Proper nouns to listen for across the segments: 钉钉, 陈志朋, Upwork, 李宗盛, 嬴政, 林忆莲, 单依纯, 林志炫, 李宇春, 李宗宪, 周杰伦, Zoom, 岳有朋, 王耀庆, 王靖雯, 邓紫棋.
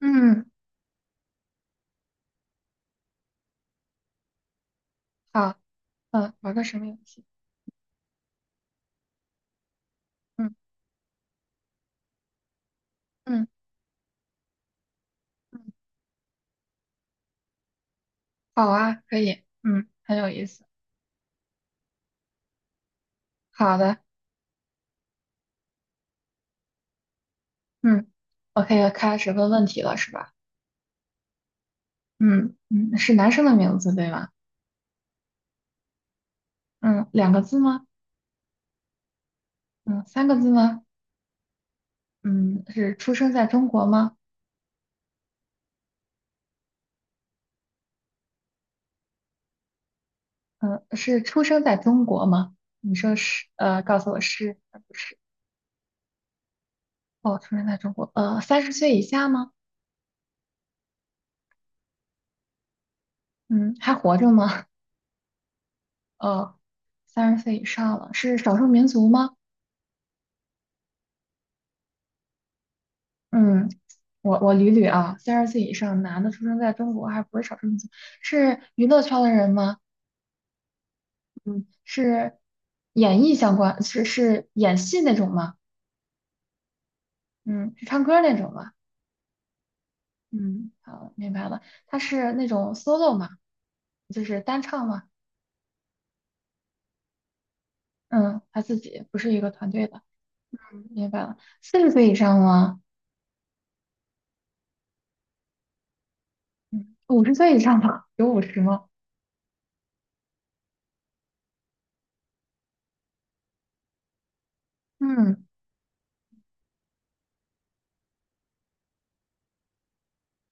嗯，好，玩个什么游戏？嗯嗯嗯，好啊，可以，很有意思。好的，嗯，我可以开始问问题了，是吧？嗯嗯，是男生的名字对吗？嗯，两个字吗？嗯，三个字吗？嗯，是出生在中国吗？嗯，是出生在中国吗？你说是，告诉我是而不是？哦，出生在中国，三十岁以下吗？嗯，还活着吗？哦，三十岁以上了，是少数民族吗？嗯。我捋捋啊，三十岁以上男的出生在中国还不是少数民族，是娱乐圈的人吗？嗯，是演艺相关，是演戏那种吗？嗯，是唱歌那种吗？嗯，好，明白了，他是那种 solo 吗？就是单唱吗？嗯，他自己不是一个团队的，明白了。40岁以上吗？嗯，五十岁以上吧，有五十吗？嗯，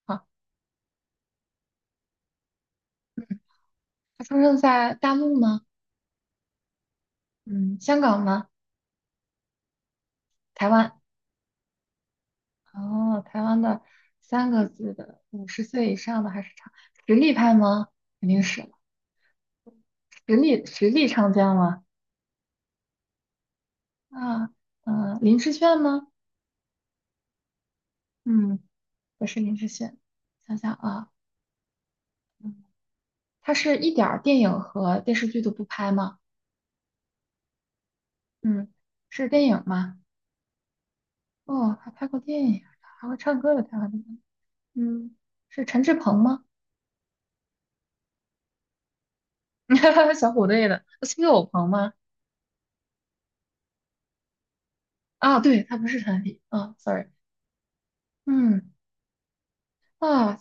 好，他出生在大陆吗？嗯，香港吗？台湾？哦，台湾的三个字的五十岁以上的还是常实力派吗？肯定是实力唱将嘛。啊，林志炫吗？嗯，不是林志炫，想想啊，嗯，他是一点儿电影和电视剧都不拍吗？嗯，是电影吗？哦，还拍过电影，还会唱歌的台湾的。嗯，是陈志朋吗？小虎队的，是岳有朋吗？啊，对，他不是团体。啊，sorry。嗯。啊，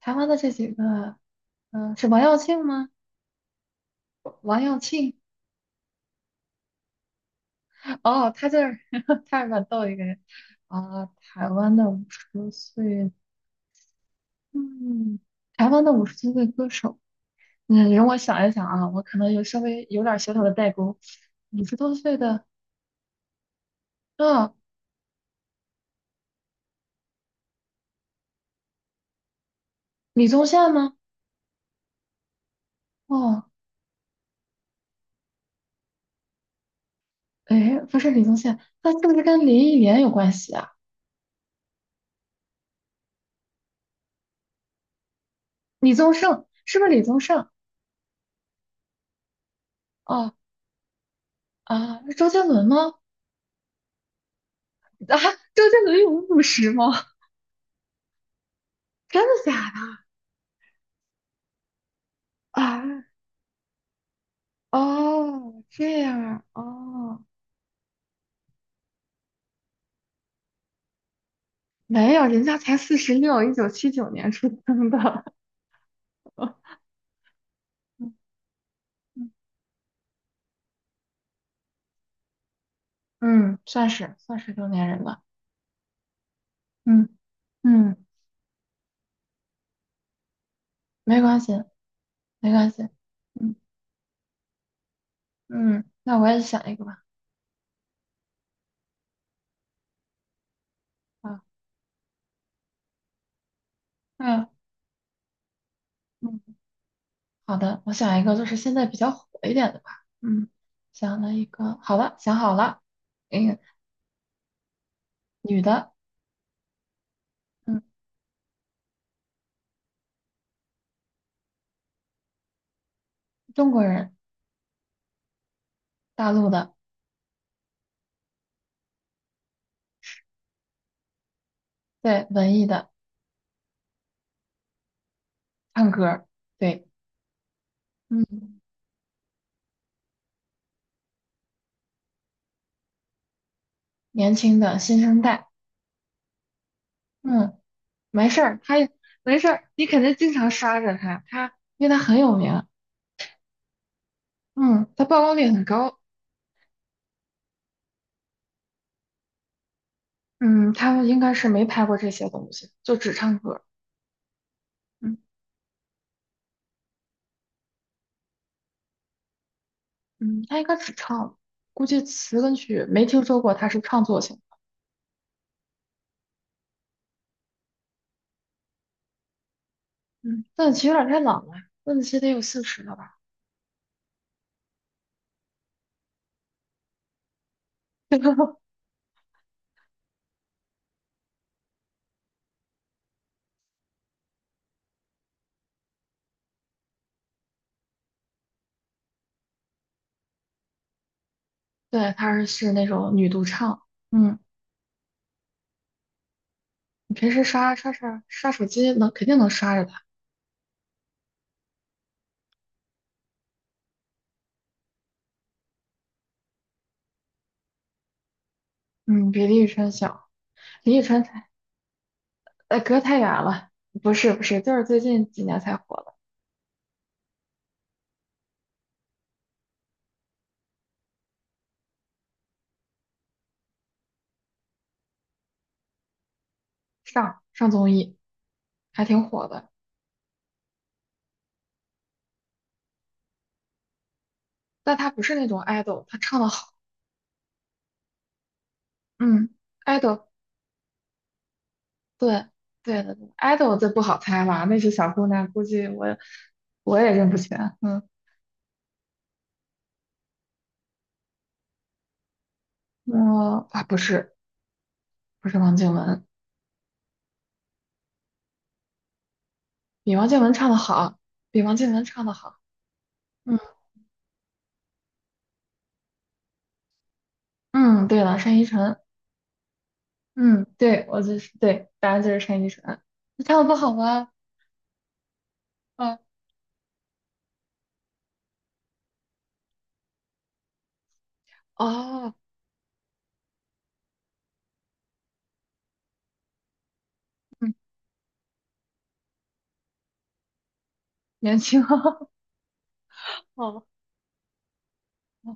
台湾的这几个，是王耀庆吗？王耀庆，哦，他就是 他是蛮逗一个人啊、台湾的五十岁，嗯，台湾的五十多岁歌手，容我想一想啊，我可能有稍微有点小小的代沟，五十多岁的啊，李宗宪吗？哦，哎，不是李宗宪，他是不是跟林忆莲有关系啊？李宗盛是不是李宗盛？哦啊，是周杰伦吗？啊，周杰伦有五十吗？真的假的啊？哦，这样啊，哦，没有，人家才46，1979年出生的，嗯嗯嗯算是中年人吧。嗯嗯，没关系，没关系。嗯嗯，那我也想一个吧。啊，嗯嗯好的，我想一个就是现在比较火一点的吧。嗯想了一个，好了，想好了。嗯，女的，嗯，中国人，大陆的，对，文艺的，唱歌儿对。嗯，年轻的新生代，嗯，没事儿，他没事儿，你肯定经常刷着他，他因为他很有名，嗯，他曝光率很高，嗯，他们应该是没拍过这些东西，就只唱歌，嗯嗯，他应该只唱，估计词跟曲没听说过他是创作型，嗯，邓紫棋有点太老了，邓紫棋得有四十了吧？对，她是那种女独唱，嗯，你平时刷刷刷刷手机能肯定能刷着他，嗯，比李宇春小。李宇春才。隔太远了，不是不是，就是最近几年才火的，上综艺还挺火的，但他不是那种 idol，他唱的好，嗯，idol，对对的对，idol 这不好猜了，那些小姑娘估计我也认不全，我啊不是不是王靖雯，比王靖雯唱的好，比王靖雯唱的好，嗯嗯，对了，单依纯，嗯，对我就是对，答案就是单依纯，你唱的不好吗？嗯哦，嗯，年轻。哦哦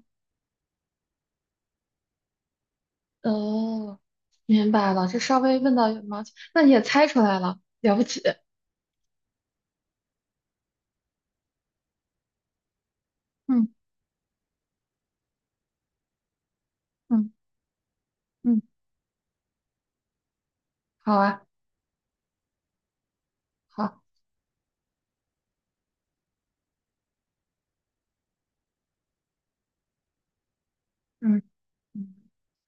哦，明白了，这稍微问到羽毛球，那你也猜出来了，了不起。嗯嗯嗯，好啊，好，嗯嗯，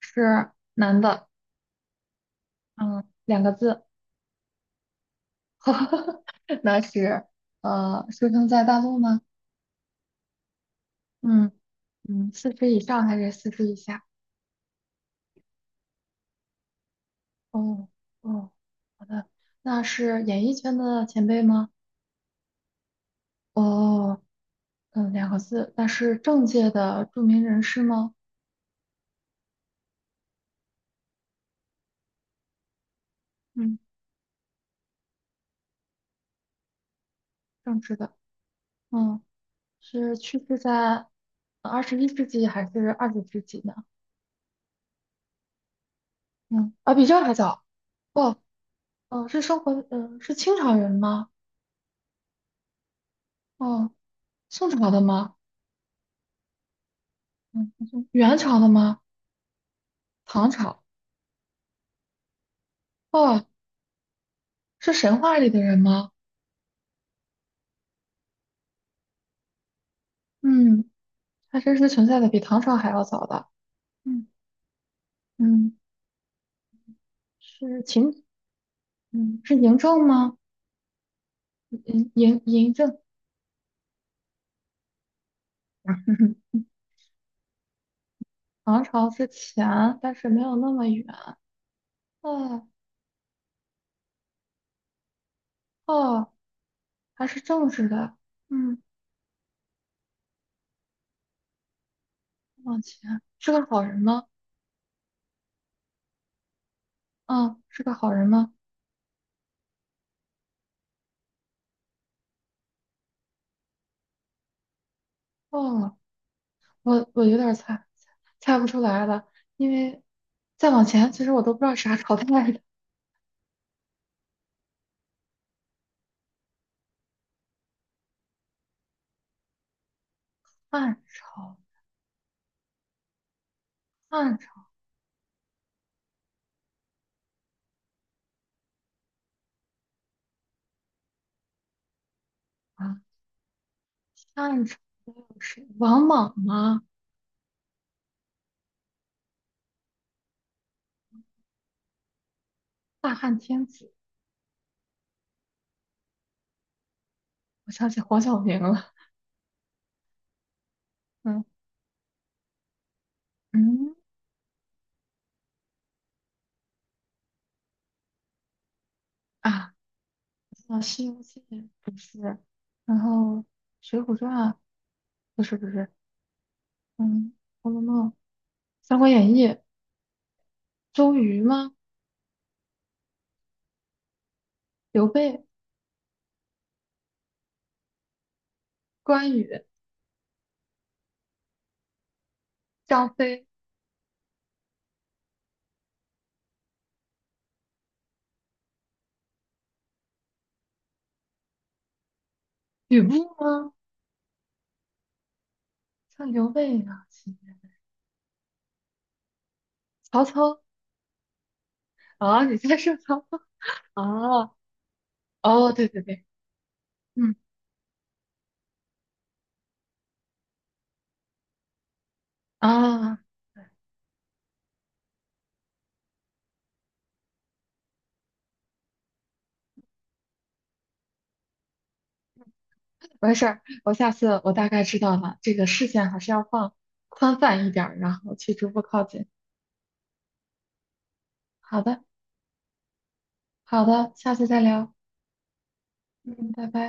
是男的，嗯，两个字，那是出生在大陆吗？嗯嗯，四十以上还是四十以下？哦哦，好的，那是演艺圈的前辈吗？哦，两个字，那是政界的著名人士吗？嗯。政治的。嗯，是去世在21世纪还是20世纪呢？嗯，啊，比这还早。哦，哦，是生活，嗯、是清朝人吗？哦，宋朝的吗？嗯，元朝的吗？唐朝？哦，是神话里的人吗？嗯，还真是存在的比唐朝还要早的。嗯嗯，是秦，是嬴政吗？嬴政，唐朝之前，但是没有那么远。哦哦，他是政治的，嗯，往前是个好人吗？嗯，是个好人吗？哦，我有点儿猜不出来了，因为再往前，其实我都不知道啥朝代的。汉朝，汉朝啊，汉朝是王莽吗？大汉天子，我想起黄晓明了。嗯嗯啊，我西游记》不是，然后《水浒传》啊不是不是，嗯，《红楼梦》《三国演义》，周瑜吗？刘备、关羽、张飞、吕布吗？像刘备啊，曹操啊，你在说曹操啊？哦，对对对，嗯啊，没事儿，我下次大概知道了，这个视线还是要放宽泛一点儿，然后去逐步靠近。好的，好的，下次再聊，嗯，拜拜。